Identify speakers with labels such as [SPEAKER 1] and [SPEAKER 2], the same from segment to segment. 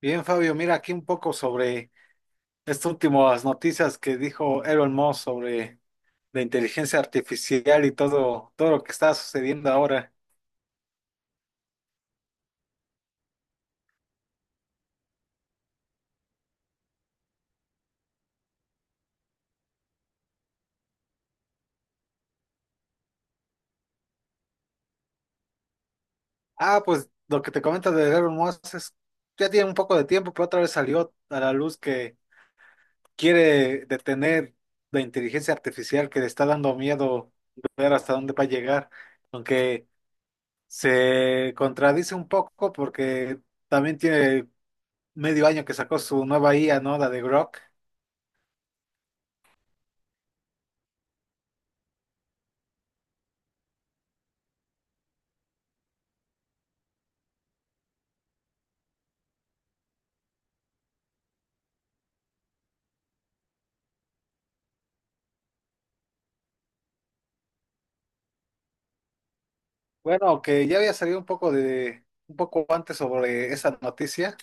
[SPEAKER 1] Bien, Fabio, mira aquí un poco sobre estas últimas noticias que dijo Elon Musk sobre la inteligencia artificial y todo, todo lo que está sucediendo ahora. Ah, pues lo que te comento de Elon Musk es, ya tiene un poco de tiempo, pero otra vez salió a la luz que quiere detener la inteligencia artificial que le está dando miedo ver hasta dónde va a llegar, aunque se contradice un poco porque también tiene medio año que sacó su nueva IA, ¿no? La de Grok. Bueno, que ya había salido un poco antes sobre esa noticia.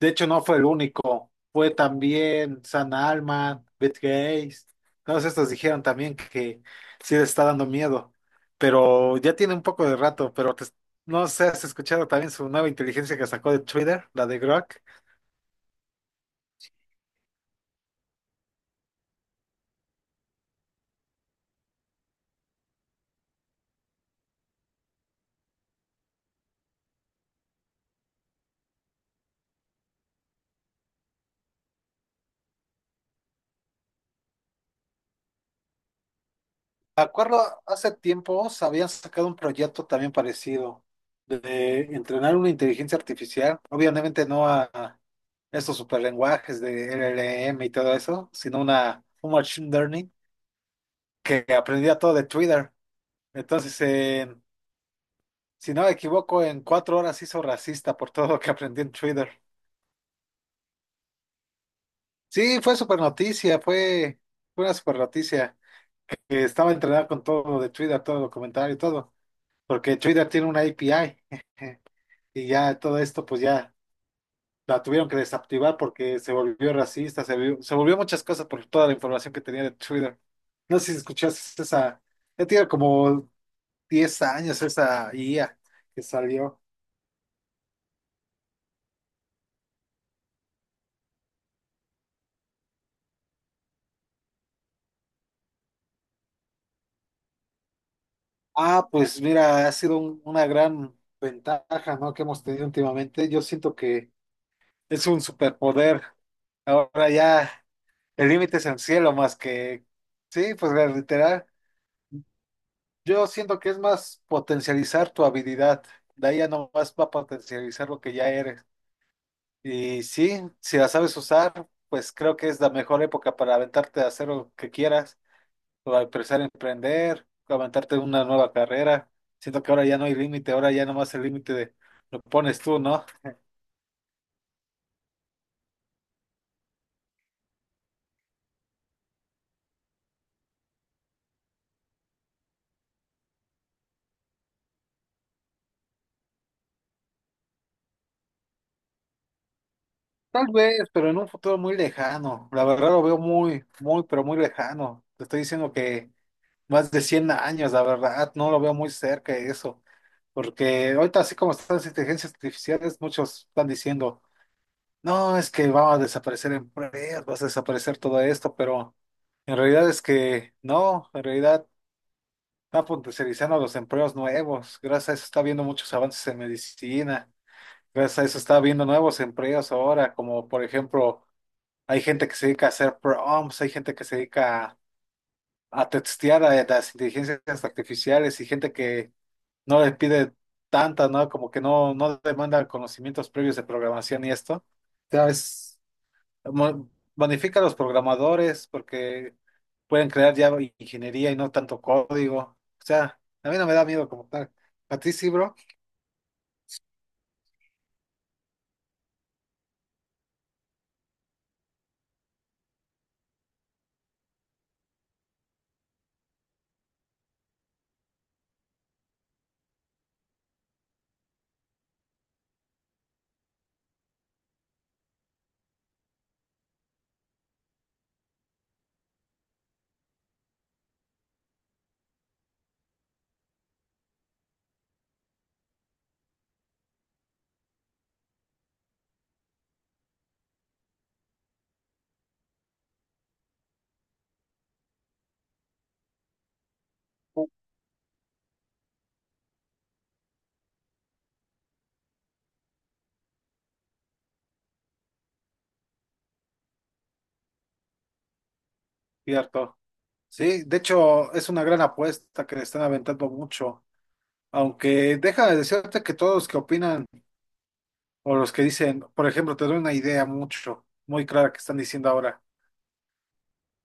[SPEAKER 1] De hecho, no fue el único. Fue también San Alman, Beth Gates. Todos estos dijeron también que sí les está dando miedo. Pero ya tiene un poco de rato, pero no sé, ¿has escuchado también su nueva inteligencia que sacó de Twitter, la de Grok? Me acuerdo, hace tiempo se habían sacado un proyecto también parecido de entrenar una inteligencia artificial, obviamente no a estos superlenguajes de LLM y todo eso, sino una un machine learning que aprendía todo de Twitter. Entonces, si no me equivoco, en 4 horas hizo racista por todo lo que aprendí en Twitter. Sí, fue super noticia, fue una super noticia. Que estaba entrenada con todo lo de Twitter, todo el comentario y todo, porque Twitter tiene una API. Y ya todo esto, pues ya la tuvieron que desactivar porque se volvió racista, se volvió muchas cosas por toda la información que tenía de Twitter. No sé si escuchaste esa, ya tiene como 10 años esa IA que salió. Ah, pues mira, ha sido una gran ventaja, ¿no? Que hemos tenido últimamente. Yo siento que es un superpoder. Ahora ya el límite es el cielo más que, sí, pues literal. Yo siento que es más potencializar tu habilidad. De ahí ya nomás va a potencializar lo que ya eres. Y sí, si la sabes usar, pues creo que es la mejor época para aventarte a hacer lo que quieras, o a empezar a emprender, o aventarte una nueva carrera. Siento que ahora ya no hay límite, ahora ya nomás el límite de lo pones tú, ¿no? Tal vez, pero en un futuro muy lejano. La verdad lo veo muy, muy, pero muy lejano. Te estoy diciendo que más de 100 años, la verdad, no lo veo muy cerca eso, porque ahorita así como están las inteligencias artificiales, muchos están diciendo, no, es que va a desaparecer empleos, va a desaparecer todo esto, pero en realidad es que no, en realidad están potencializando los empleos nuevos, gracias a eso está habiendo muchos avances en medicina, gracias a eso está habiendo nuevos empleos ahora, como por ejemplo, hay gente que se dedica a hacer prompts, hay gente que se dedica a testear a las inteligencias artificiales y gente que no le pide tanta, ¿no? Como que no, no demanda conocimientos previos de programación y esto. Cada vez mo- bonifica a los programadores porque pueden crear ya ingeniería y no tanto código. O sea, a mí no me da miedo como tal. A ti sí, bro. Cierto. Sí, de hecho, es una gran apuesta que le están aventando mucho. Aunque déjame decirte que todos los que opinan o los que dicen, por ejemplo, te doy una idea mucho, muy clara que están diciendo ahora,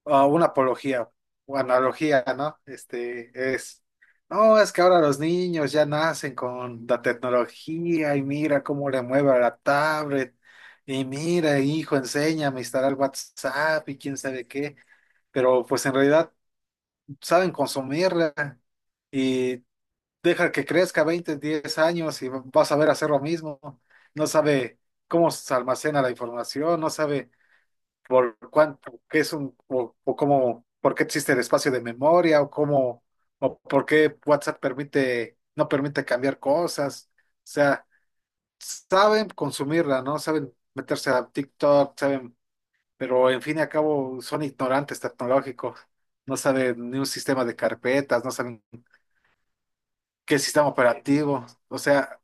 [SPEAKER 1] ah, una apología o analogía, ¿no? Este es, no, es que ahora los niños ya nacen con la tecnología y mira cómo le mueve a la tablet y mira, hijo, enséñame a instalar WhatsApp y quién sabe qué, pero pues en realidad saben consumirla. Y deja que crezca 20 10 años y vas a ver hacer lo mismo. No sabe cómo se almacena la información, no sabe por cuánto, qué es un, o cómo, por qué existe el espacio de memoria, o cómo, o por qué WhatsApp permite, no permite cambiar cosas. O sea, saben consumirla, ¿no? Saben meterse a TikTok, saben, pero en fin y al cabo son ignorantes tecnológicos. No saben ni un sistema de carpetas, no saben qué sistema operativo. O sea,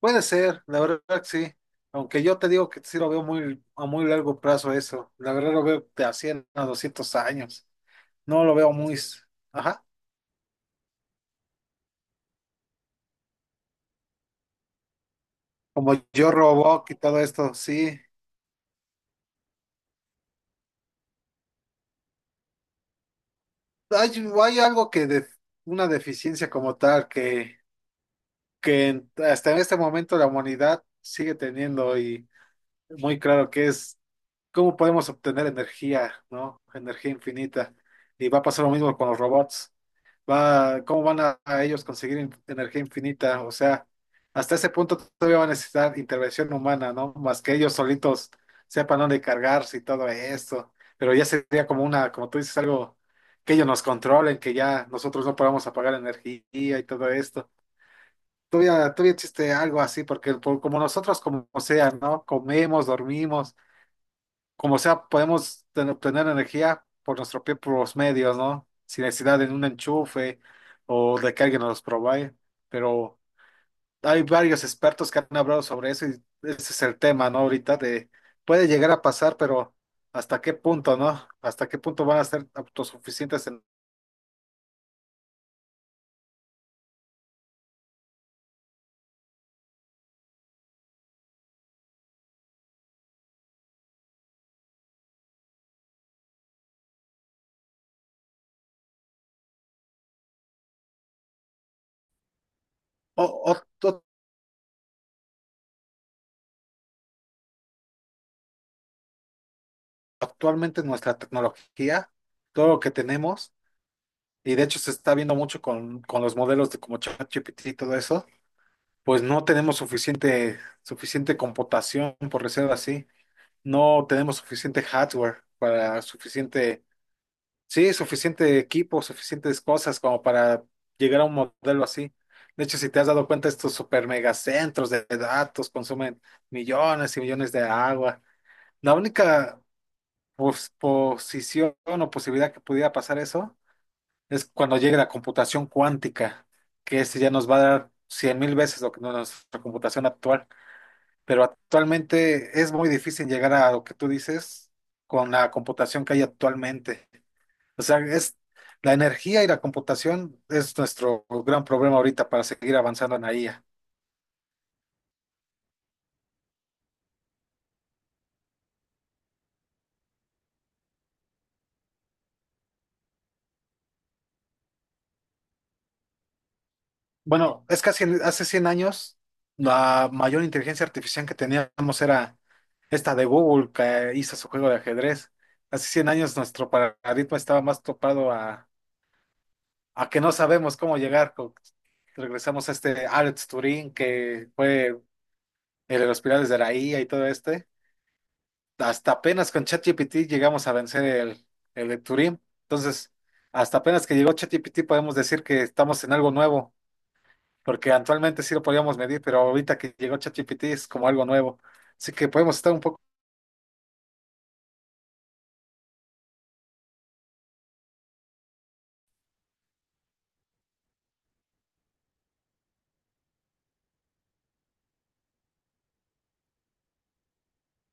[SPEAKER 1] puede ser, la verdad que sí. Aunque yo te digo que sí lo veo muy, a muy largo plazo eso. La verdad lo veo de a 100 a 200 años. No lo veo muy... Ajá. Como yo Robot y todo esto, sí. Hay, hay algo que... De, una deficiencia como tal que hasta en este momento la humanidad sigue teniendo y muy claro que es cómo podemos obtener energía, ¿no? Energía infinita. Y va a pasar lo mismo con los robots. Va, ¿cómo van a ellos conseguir energía infinita? O sea, hasta ese punto todavía va a necesitar intervención humana, ¿no? Más que ellos solitos sepan dónde cargarse y todo esto. Pero ya sería como una, como tú dices, algo que ellos nos controlen, que ya nosotros no podamos apagar energía y todo esto. Todavía, todavía existe algo así, porque como nosotros, como sea, ¿no? Comemos, dormimos como sea, podemos tener energía por nuestros propios medios, ¿no? Sin necesidad de un enchufe o de que alguien nos provee. Pero hay varios expertos que han hablado sobre eso y ese es el tema, ¿no? Ahorita de puede llegar a pasar, pero ¿hasta qué punto, no? ¿Hasta qué punto van a ser autosuficientes en o- o- to- actualmente nuestra tecnología, todo lo que tenemos? Y de hecho se está viendo mucho con los modelos de como ChatGPT y todo eso. Pues no tenemos suficiente, suficiente computación, por decirlo así. No tenemos suficiente hardware para suficiente, sí, suficiente equipo, suficientes cosas como para llegar a un modelo así. De hecho, si te has dado cuenta, estos super megacentros de datos consumen millones y millones de agua. La única posición o posibilidad que pudiera pasar eso es cuando llegue la computación cuántica, que ese ya nos va a dar 100.000 veces lo que nuestra computación actual, pero actualmente es muy difícil llegar a lo que tú dices con la computación que hay actualmente. O sea, es la energía y la computación es nuestro gran problema ahorita para seguir avanzando en la IA. Bueno, es casi hace 100 años la mayor inteligencia artificial que teníamos era esta de Google que hizo su juego de ajedrez. Hace 100 años nuestro paradigma estaba más topado a que no sabemos cómo llegar. Regresamos a este Alex Turing que fue el de los pilares de la IA y todo este, hasta apenas con ChatGPT llegamos a vencer el de Turing. Entonces, hasta apenas que llegó ChatGPT podemos decir que estamos en algo nuevo, porque actualmente sí lo podíamos medir, pero ahorita que llegó ChatGPT es como algo nuevo. Así que podemos estar un poco.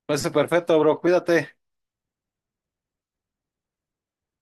[SPEAKER 1] Pues perfecto, bro, cuídate.